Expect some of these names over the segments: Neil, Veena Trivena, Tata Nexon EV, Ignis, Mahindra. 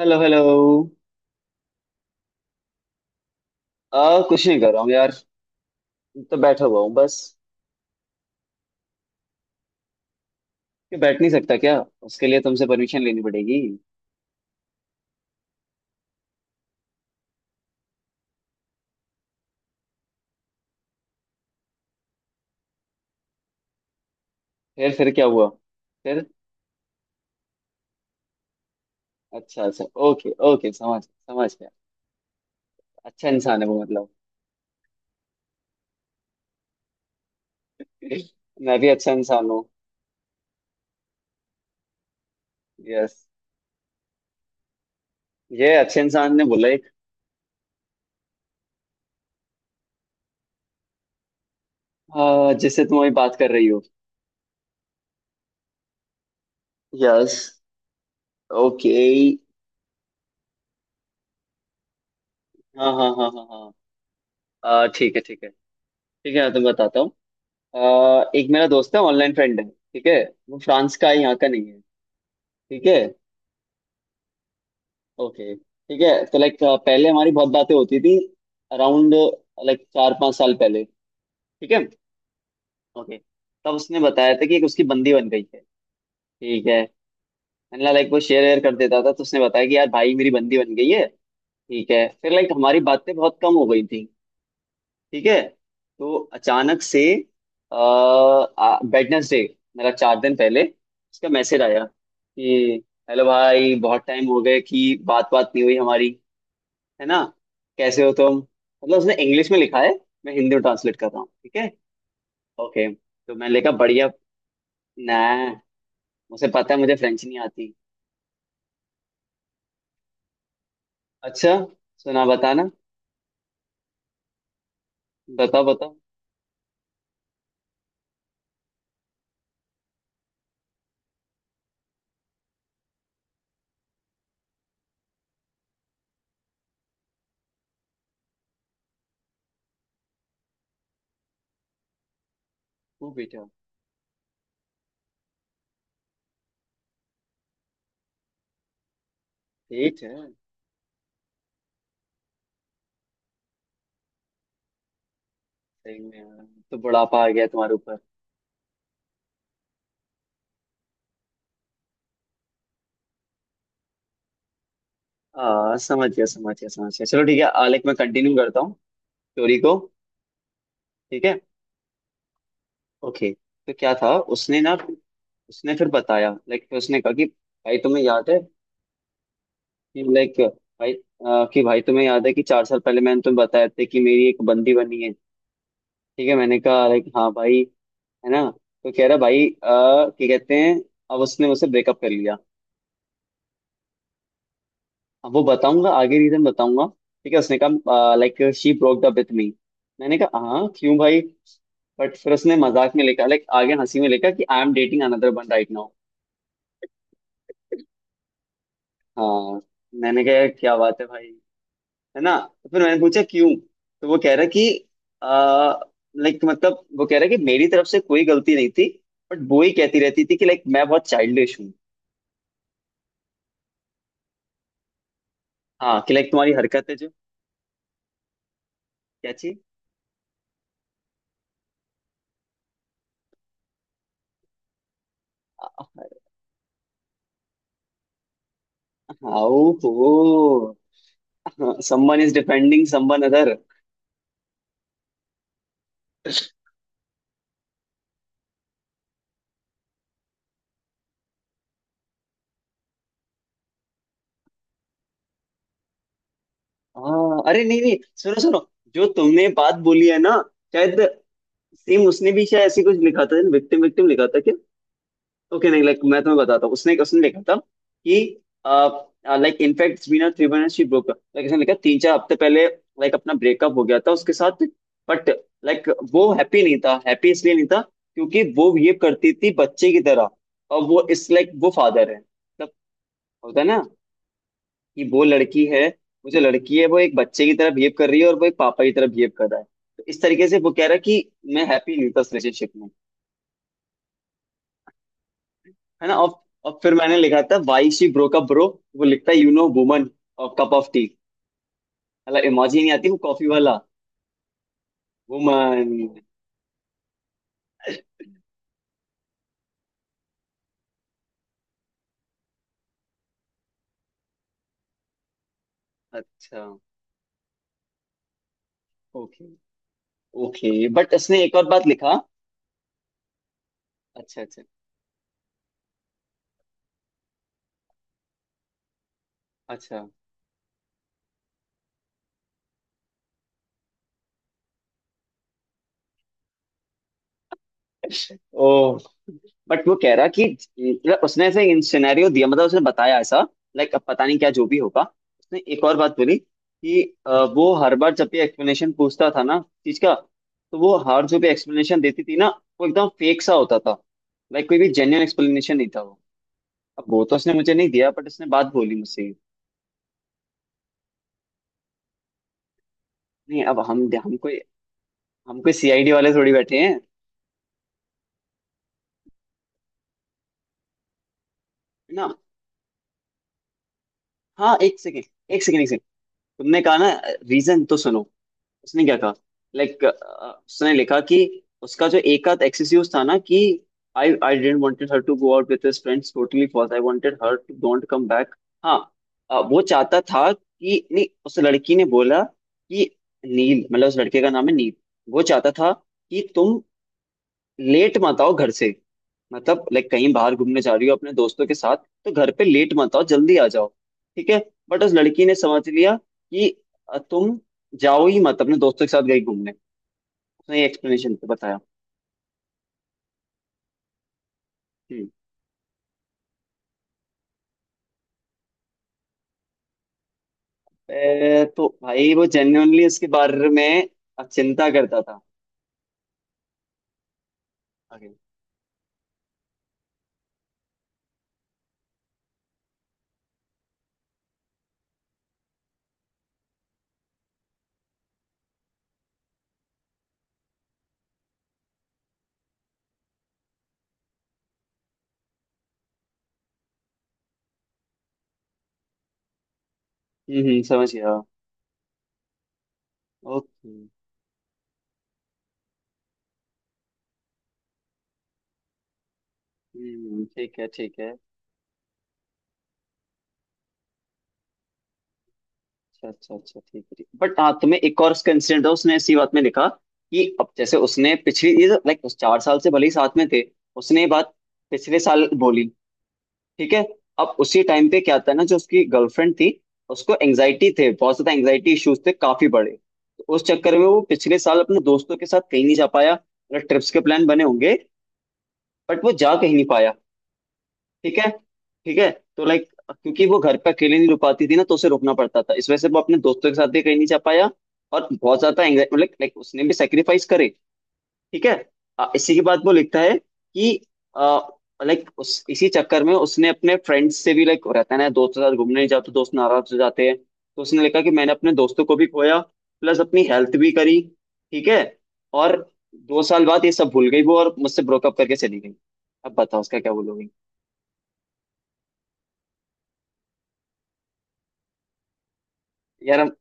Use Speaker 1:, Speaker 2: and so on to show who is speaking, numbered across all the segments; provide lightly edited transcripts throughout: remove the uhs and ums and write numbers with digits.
Speaker 1: Hello hello. आ कुछ नहीं कर रहा हूँ यार। तो बैठा हुआ हूँ बस। कि बैठ नहीं सकता क्या। उसके लिए तुमसे परमिशन लेनी पड़ेगी। फिर क्या हुआ। फिर। अच्छा अच्छा ओके ओके समझ समझ गया। अच्छा इंसान है वो मतलब। मैं भी अच्छा इंसान हूँ। यस। ये अच्छे इंसान ने बोला एक। जिससे तुम अभी बात कर रही हो। यस। ओके। हाँ हाँ हाँ हाँ। हाँ ठीक है ठीक है। ठीक है मैं तुम्हें बताता हूँ। एक मेरा दोस्त है ऑनलाइन फ्रेंड है ठीक है। वो फ्रांस का है यहाँ का नहीं है। ठीक है। ओके ठीक है तो लाइक पहले हमारी बहुत बातें होती थी। अराउंड लाइक 4 5 साल पहले। ठीक है। ओके। तब उसने बताया था कि एक उसकी बंदी बन गई है। ठीक है। मैंने लाइक वो शेयर वेयर कर देता था तो उसने बताया कि यार भाई मेरी बंदी बन गई है। ठीक है फिर लाइक हमारी बातें बहुत कम हो गई थी। ठीक है। तो अचानक से वेडनेसडे मेरा 4 दिन पहले उसका मैसेज आया कि हेलो भाई बहुत टाइम हो गए कि बात बात नहीं हुई हमारी। है ना। कैसे हो तुम मतलब उसने इंग्लिश में लिखा है। मैं हिंदी में ट्रांसलेट कर रहा हूँ ठीक है। ओके तो मैंने लिखा बढ़िया। ना। मुझे पता है मुझे फ्रेंच नहीं आती। अच्छा। सुना बताना। बताओ बताओ। वो बेटा। ठीक है। सही में यार, तो बुढ़ापा आ गया तुम्हारे ऊपर। आ समझ गया समझ गया समझ गया। चलो ठीक है आलेख मैं कंटिन्यू करता हूँ स्टोरी को। ठीक है। ओके। तो क्या था। उसने ना। उसने फिर बताया लाइक फिर उसने कहा कि भाई तुम्हें याद है। लाइक भाई कि भाई तुम्हें याद है कि 4 साल पहले मैंने तुम्हें बताया था कि मेरी एक बंदी बनी है। ठीक है मैंने कहा लाइक हाँ भाई। है ना। तो कह रहा भाई क्या कहते हैं। अब उसने मुझसे ब्रेकअप कर लिया। अब वो बताऊंगा आगे रीजन बताऊंगा। ठीक है उसने कहा like she broke up with me. मैंने कहा हाँ क्यों भाई। बट फिर उसने मजाक में लिखा लाइक आगे हंसी में लिखा कि I am dating another one right now. हाँ। मैंने कहा क्या बात है भाई। है ना। तो फिर मैंने पूछा क्यों। तो वो कह रहा कि आ, लाइक मतलब वो कह रहा कि मेरी तरफ से कोई गलती नहीं थी। बट वो ही कहती रहती थी कि लाइक मैं बहुत चाइल्डिश हूँ। हाँ कि लाइक तुम्हारी हरकत है जो। क्या चीज। हाउ हो। Someone is defending someone other. हाँ अरे नहीं नहीं। सुनो सुनो। जो तुमने बात बोली है ना। शायद। सेम उसने भी शायद ऐसी कुछ लिखा था विक्टिम विक्टिम लिखा था। ओके नहीं लाइक मैं तुम्हें बताता हूँ उसने उसने लिखा था कि like in fact Veena Trivena she broke like इसने लिखा 3 4 हफ्ते पहले लाइक अपना ब्रेकअप हो गया था उसके साथ। बट लाइक वो हैप्पी नहीं था हैप्पी इसलिए नहीं था क्योंकि वो बिहेव करती थी बच्चे की तरह। और वो इस लाइक वो फादर है मतलब। होता है ना। कि वो लड़की है। वो जो लड़की है वो एक बच्चे की तरह बिहेव कर रही है और वो एक पापा की तरह बिहेव कर रहा है। तो इस तरीके से वो कह रहा है कि मैं हैप्पी नहीं था उस रिलेशनशिप में। है ना और फिर मैंने लिखा था why she broke up bro. वो लिखता है यू नो वुमन और कप ऑफ टी। मतलब इमोजी नहीं आती वो कॉफी वाला। वुमन। अच्छा। ओके ओके बट इसने एक और बात लिखा। अच्छा अच्छा अच्छा। ओ। बट वो कह रहा कि मतलब उसने ऐसे इन सिनेरियो दिया मतलब उसने बताया ऐसा। लाइक अब पता नहीं क्या जो भी होगा। उसने एक और बात बोली कि वो हर बार जब भी एक्सप्लेनेशन पूछता था ना चीज का। तो वो हर जो भी एक्सप्लेनेशन देती थी ना वो एकदम फेक सा होता था। लाइक कोई भी जेन्युइन एक्सप्लेनेशन नहीं था वो। अब वो तो उसने मुझे नहीं दिया बट उसने बात बोली मुझसे ये। नहीं अब हम कोई हम कोई सीआईडी वाले थोड़ी बैठे हैं। है ना। हाँ एक सेकेंड एक सेकेंड एक सेकेंड। तुमने कहा ना। रीजन तो सुनो। उसने क्या कहा। लाइक उसने लिखा कि उसका जो एक आध एक्सक्यूज था ना कि I I didn't wanted her to go out with his friends totally false I wanted her to don't come back. हाँ। वो चाहता था कि नहीं उस लड़की ने बोला कि नील मतलब उस लड़के का नाम है नील। वो चाहता था कि तुम लेट मत आओ घर से। मतलब लाइक कहीं बाहर घूमने जा रही हो अपने दोस्तों के साथ। तो घर पे लेट मत आओ जल्दी आ जाओ। ठीक है। बट उस लड़की ने समझ लिया कि तुम जाओ ही मत अपने दोस्तों के साथ गई घूमने। उसने ये एक्सप्लेनेशन पे बताया। हम्म ए, तो भाई वो जेन्युइनली उसके बारे में चिंता करता था। आगे। समझ गया। ओके ठीक है ठीक है। अच्छा अच्छा अच्छा ठीक है बट हाँ तुम्हें एक और कंसिडर था उसने इसी बात में लिखा। कि अब जैसे उसने पिछली ये लाइक उस 4 साल से भले ही साथ में थे। उसने ये बात पिछले साल बोली। ठीक है। अब उसी टाइम पे क्या था ना जो उसकी गर्लफ्रेंड थी उसको एंग्जाइटी थे बहुत ज्यादा एंग्जाइटी इश्यूज थे काफी बड़े तो उस चक्कर में वो पिछले साल अपने दोस्तों के साथ कहीं नहीं जा पाया मतलब ट्रिप्स के प्लान बने होंगे। बट वो जा कहीं नहीं पाया। ठीक है। ठीक है। तो लाइक क्योंकि वो घर पे अकेले नहीं रुक पाती थी ना तो उसे रुकना पड़ता था इस वजह से वो अपने दोस्तों के साथ भी कहीं नहीं जा पाया। और बहुत ज्यादा एंग्जाइटी मतलब लाइक उसने भी सेक्रीफाइस करे। ठीक है। इसी के बाद वो लिखता है कि लाइक उस इसी चक्कर में उसने अपने फ्रेंड्स से भी लाइक रहता है ना दोस्तों के साथ घूमने नहीं जाओ तो दोस्त नाराज हो जाते हैं तो उसने लिखा कि मैंने अपने दोस्तों को भी खोया। प्लस अपनी हेल्थ भी करी। ठीक है। और 2 साल बाद ये सब भूल गई वो और मुझसे ब्रोकअप करके चली गई। अब बताओ उसका क्या बोलोगे। यार।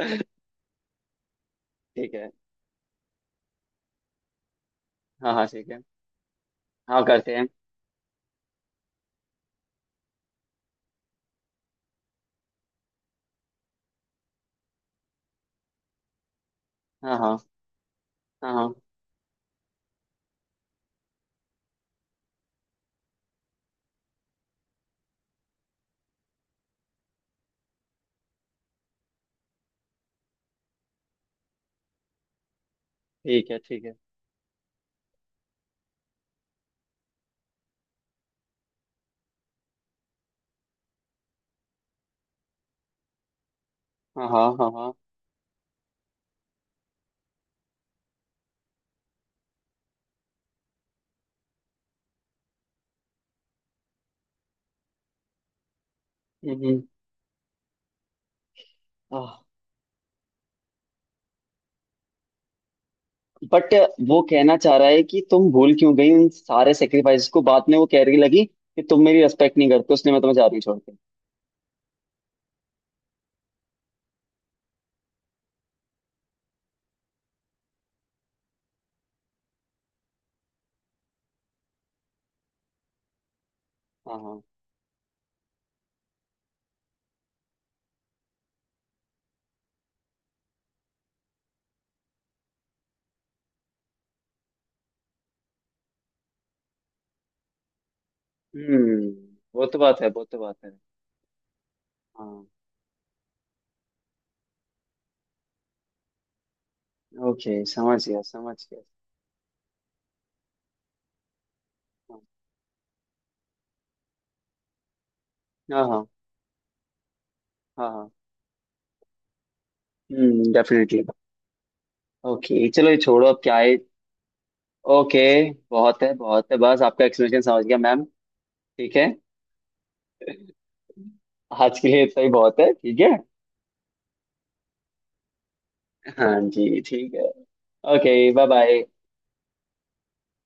Speaker 1: हम। ठीक है। हाँ हाँ ठीक है। हाँ करते हैं। हाँ हाँ हाँ हाँ ठीक है। ठीक है हाँ हाँ हाँ हाँ हम्म। बट वो कहना चाह रहा है कि तुम भूल क्यों गई उन सारे सेक्रीफाइस को बाद में वो कह रही लगी कि तुम मेरी रेस्पेक्ट नहीं करते उसने मैं तुम्हें जा रही छोड़ के। हाँ हाँ हम्म वो तो बात है वो तो बात है। हाँ ओके समझ गया समझ गया। हाँ हाँ हाँ हाँ डेफिनेटली। ओके चलो ये छोड़ो अब क्या है। ओके। बहुत है बस आपका एक्सप्लेनेशन समझ गया मैम। ठीक है। आज के लिए इतना ही बहुत है ठीक है। हाँ जी ठीक है। Okay bye bye.